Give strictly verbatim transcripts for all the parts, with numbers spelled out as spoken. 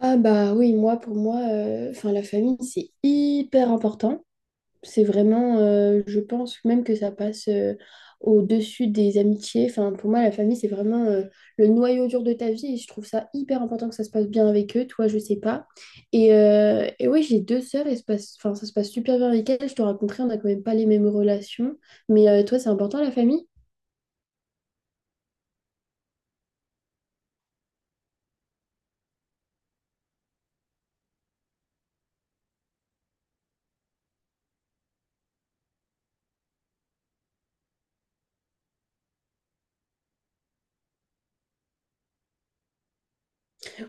Ah bah oui, moi pour moi, euh, enfin la famille c'est hyper important. C'est vraiment, euh, je pense même que ça passe euh, au-dessus des amitiés. Enfin pour moi la famille c'est vraiment euh, le noyau dur de ta vie et je trouve ça hyper important que ça se passe bien avec eux. Toi je sais pas. Et, euh, et oui j'ai deux sœurs et se passe, enfin ça se passe super bien avec elles. Je te raconterai, on n'a quand même pas les mêmes relations. Mais euh, toi c'est important la famille?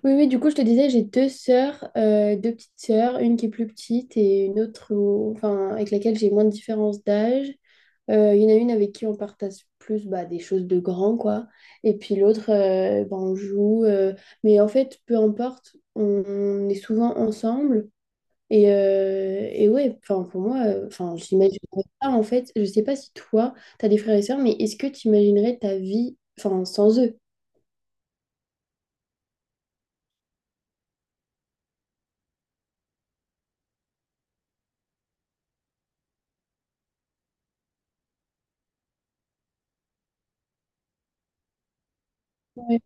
Oui, oui, du coup, je te disais, j'ai deux sœurs, euh, deux petites sœurs, une qui est plus petite et une autre où- enfin, avec laquelle j'ai moins de différence d'âge. Euh, Il y en a une avec qui on partage plus bah, des choses de grand, quoi. Et puis l'autre, euh, bah, on joue. Euh, mais en fait, peu importe, on, on est souvent ensemble. Et, euh, et ouais, enfin, pour moi, euh, enfin, j'imagine pas, en fait, je sais pas si toi, tu as des frères et sœurs, mais est-ce que tu imaginerais ta vie, enfin, sans eux? Ouais.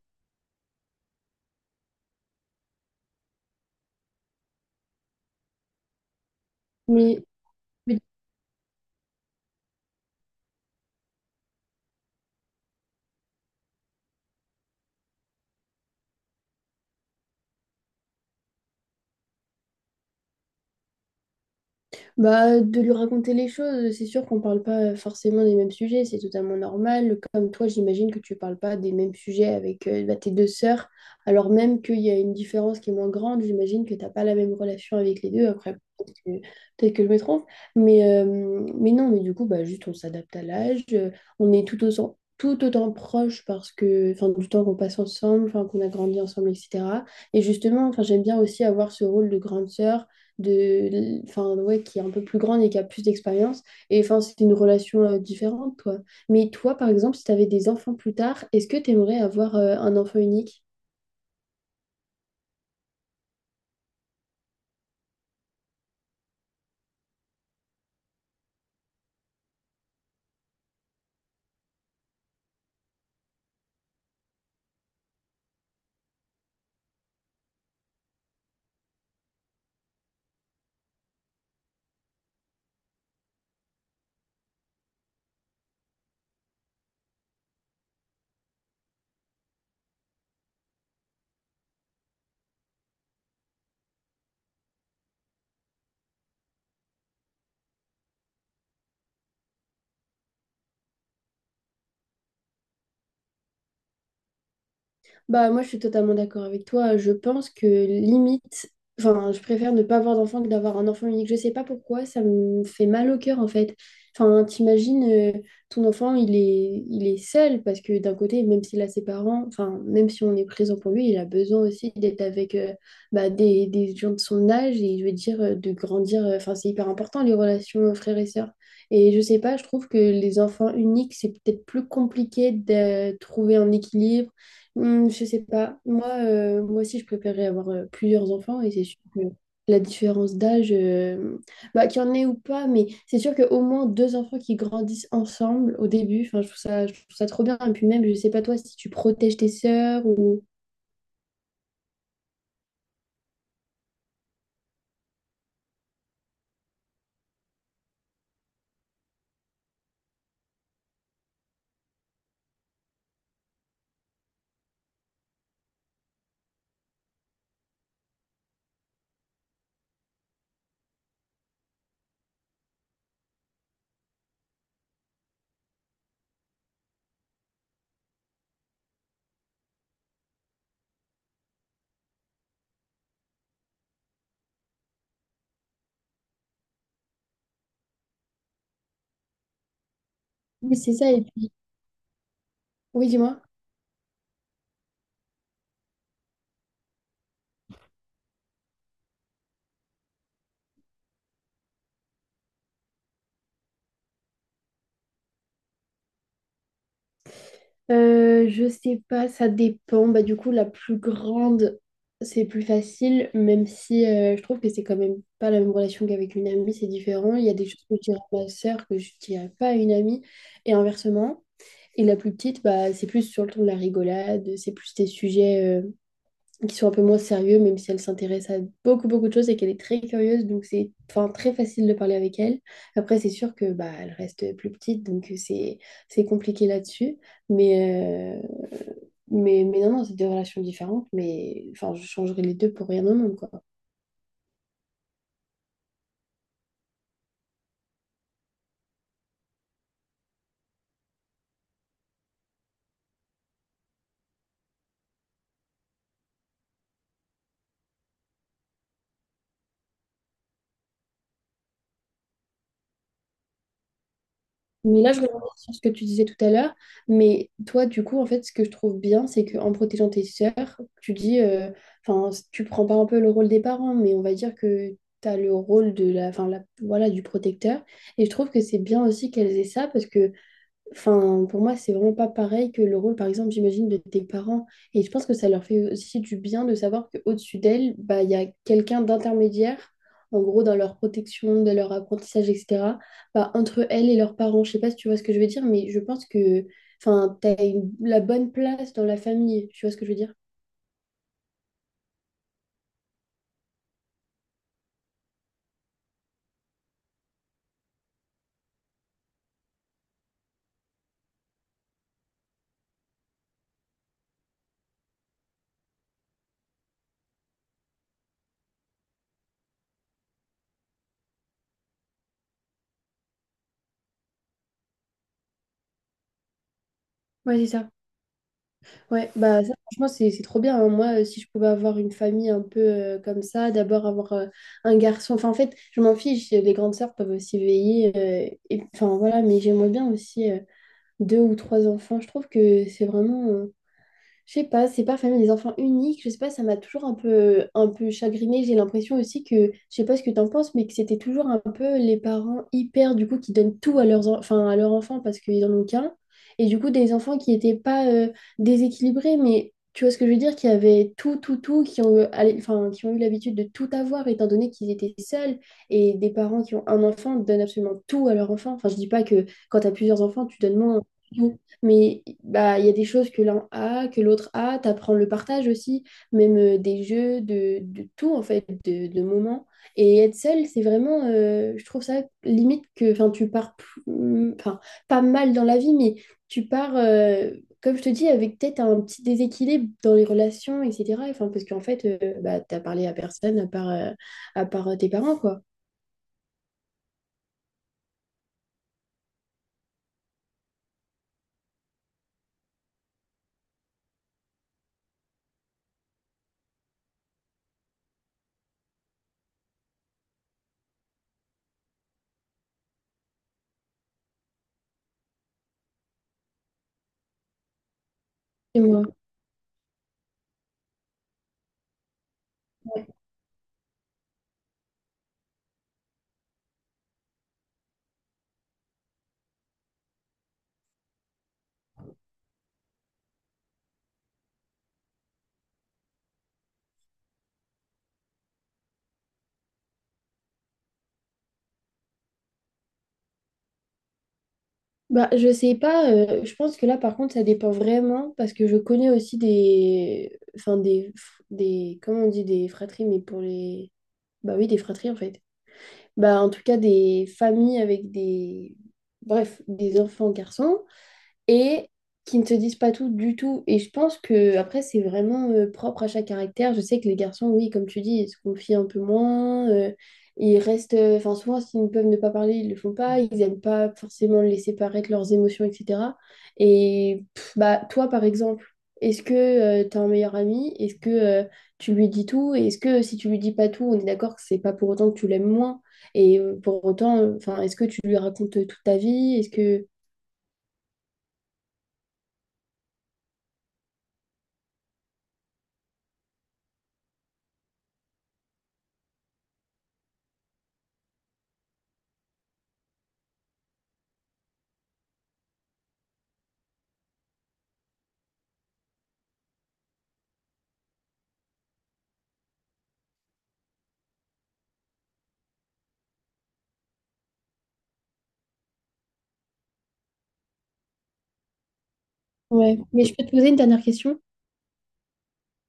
Mais, mais Bah, de lui raconter les choses, c'est sûr qu'on parle pas forcément des mêmes sujets, c'est totalement normal. Comme toi, j'imagine que tu parles pas des mêmes sujets avec euh, bah, tes deux sœurs, alors même qu'il y a une différence qui est moins grande, j'imagine que t'as pas la même relation avec les deux. Après, peut-être que, peut-être que je me trompe, mais, euh, mais non, mais du coup, bah, juste on s'adapte à l'âge, euh, on est tout autant, tout autant proche parce que, enfin, du temps qu'on passe ensemble, enfin, qu'on a grandi ensemble, et cetera. Et justement, enfin, j'aime bien aussi avoir ce rôle de grande sœur de, enfin, ouais, qui est un peu plus grande et qui a plus d'expérience. Et enfin, c'est une relation euh, différente, quoi. Mais toi, par exemple, si tu avais des enfants plus tard, est-ce que tu aimerais avoir euh, un enfant unique? Bah, moi, je suis totalement d'accord avec toi. Je pense que limite, enfin, je préfère ne pas avoir d'enfant que d'avoir un enfant unique. Je sais pas pourquoi, ça me fait mal au cœur en fait. Enfin, t'imagines, euh, ton enfant, il est, il est seul parce que d'un côté, même s'il a ses parents, enfin, même si on est présent pour lui, il a besoin aussi d'être avec euh, bah, des, des gens de son âge et je veux dire, euh, de grandir. euh, Enfin, c'est hyper important les relations euh, frères et sœurs. Et je sais pas, je trouve que les enfants uniques, c'est peut-être plus compliqué de trouver un équilibre. Hmm, je sais pas. Moi, euh, moi aussi, je préférerais avoir euh, plusieurs enfants et c'est sûr que la différence d'âge, euh, bah, qu'il y en ait ou pas, mais c'est sûr qu'au moins deux enfants qui grandissent ensemble au début, enfin, je trouve ça, je trouve ça trop bien. Et puis même, je sais pas toi si tu protèges tes sœurs ou... Oui, c'est ça. Et puis... Oui, dis-moi. Euh, je sais pas, ça dépend. Bah, du coup, la plus grande, c'est plus facile, même si euh, je trouve que c'est quand même pas la même relation qu'avec une amie, c'est différent. Il y a des choses que je dirais à ma sœur que je dirais pas à une amie, et inversement. Et la plus petite, bah, c'est plus sur le ton de la rigolade, c'est plus des sujets euh, qui sont un peu moins sérieux, même si elle s'intéresse à beaucoup, beaucoup de choses et qu'elle est très curieuse, donc c'est enfin, très facile de parler avec elle. Après, c'est sûr que bah, elle reste plus petite, donc c'est c'est compliqué là-dessus. Mais, euh, mais, mais non, non, c'est des relations différentes, mais enfin, je changerais les deux pour rien au monde, quoi. Mais là, je reviens sur ce que tu disais tout à l'heure, mais toi, du coup, en fait, ce que je trouve bien, c'est qu'en protégeant tes sœurs, tu dis, euh, enfin, tu prends pas un peu le rôle des parents, mais on va dire que tu as le rôle de la, enfin, la- voilà, du protecteur. Et je trouve que c'est bien aussi qu'elles aient ça, parce que enfin, pour moi, c'est vraiment pas pareil que le rôle, par exemple, j'imagine, de tes parents. Et je pense que ça leur fait aussi du bien de savoir qu'au-dessus d'elles, bah, il y a quelqu'un d'intermédiaire, en gros, dans leur protection, dans leur apprentissage, et cetera, bah, entre elles et leurs parents. Je sais pas si tu vois ce que je veux dire, mais je pense que, enfin, t'as une- la bonne place dans la famille. Tu vois ce que je veux dire? Ouais, c'est ça. Ouais, bah ça, franchement, c'est c'est trop bien, hein. Moi, euh, si je pouvais avoir une famille un peu euh, comme ça, d'abord avoir euh, un garçon. Enfin, en fait, je m'en fiche. Les grandes sœurs peuvent aussi veiller, euh, et, enfin, voilà, mais j'aimerais bien aussi euh, deux ou trois enfants. Je trouve que c'est vraiment. Euh, je sais pas, c'est pas famille des enfants uniques, je sais pas, ça m'a toujours un peu, un peu chagrinée. J'ai l'impression aussi que, je sais pas ce que t'en penses, mais que c'était toujours un peu les parents hyper, du coup, qui donnent tout à leurs, en- enfin, à leurs enfants parce qu'ils en ont qu'un. Et du coup, des enfants qui étaient pas euh, déséquilibrés, mais tu vois ce que je veux dire, qui avaient tout, tout, tout, qui ont, eu- allez, enfin, qui ont eu l'habitude de tout avoir étant donné qu'ils étaient seuls. Et des parents qui ont un enfant donnent absolument tout à leur enfant. Enfin, je dis pas que quand t'as plusieurs enfants, tu donnes moins. Mais bah, il y a des choses que l'un a, que l'autre a. T'apprends le partage aussi, même euh, des jeux, de, de tout en fait, de, de moments. Et être seul, c'est vraiment, euh, je trouve ça limite que, enfin, tu pars, plus- mm, enfin, pas mal dans la vie, mais tu pars, euh, comme je te dis, avec peut-être un petit déséquilibre dans les relations, et cetera. Enfin, parce qu'en fait, euh, bah, t'as parlé à personne à part, euh, à part euh, tes parents, quoi. Et moi, bah, je sais pas, euh, je pense que là par contre ça dépend vraiment parce que je connais aussi des enfin des des comment on dit des fratries mais pour les bah oui des fratries en fait. Bah en tout cas des familles avec des bref, des enfants garçons et qui ne te disent pas tout du tout. Et je pense que après, c'est vraiment euh, propre à chaque caractère. Je sais que les garçons, oui, comme tu dis, ils se confient un peu moins. Euh, ils restent, euh, enfin, souvent, s'ils peuvent ne pas parler, ils le font pas. Ils n'aiment pas forcément laisser paraître leurs émotions, et cetera. Et pff, bah, toi, par exemple, est-ce que tu as un meilleur ami? Est-ce que euh, tu lui dis tout? Et est-ce que si tu lui dis pas tout, on est d'accord que c'est pas pour autant que tu l'aimes moins? Et euh, pour autant, enfin, est-ce que tu lui racontes euh, toute ta vie? Est-ce que ouais, mais je peux te poser une dernière question.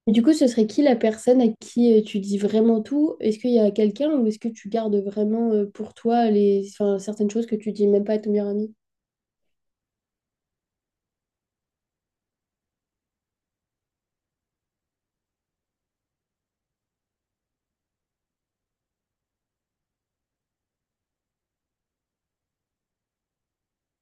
Et du coup, ce serait qui la personne à qui euh, tu dis vraiment tout? Est-ce qu'il y a quelqu'un ou est-ce que tu gardes vraiment euh, pour toi les... enfin, certaines choses que tu dis même pas à ton meilleur ami?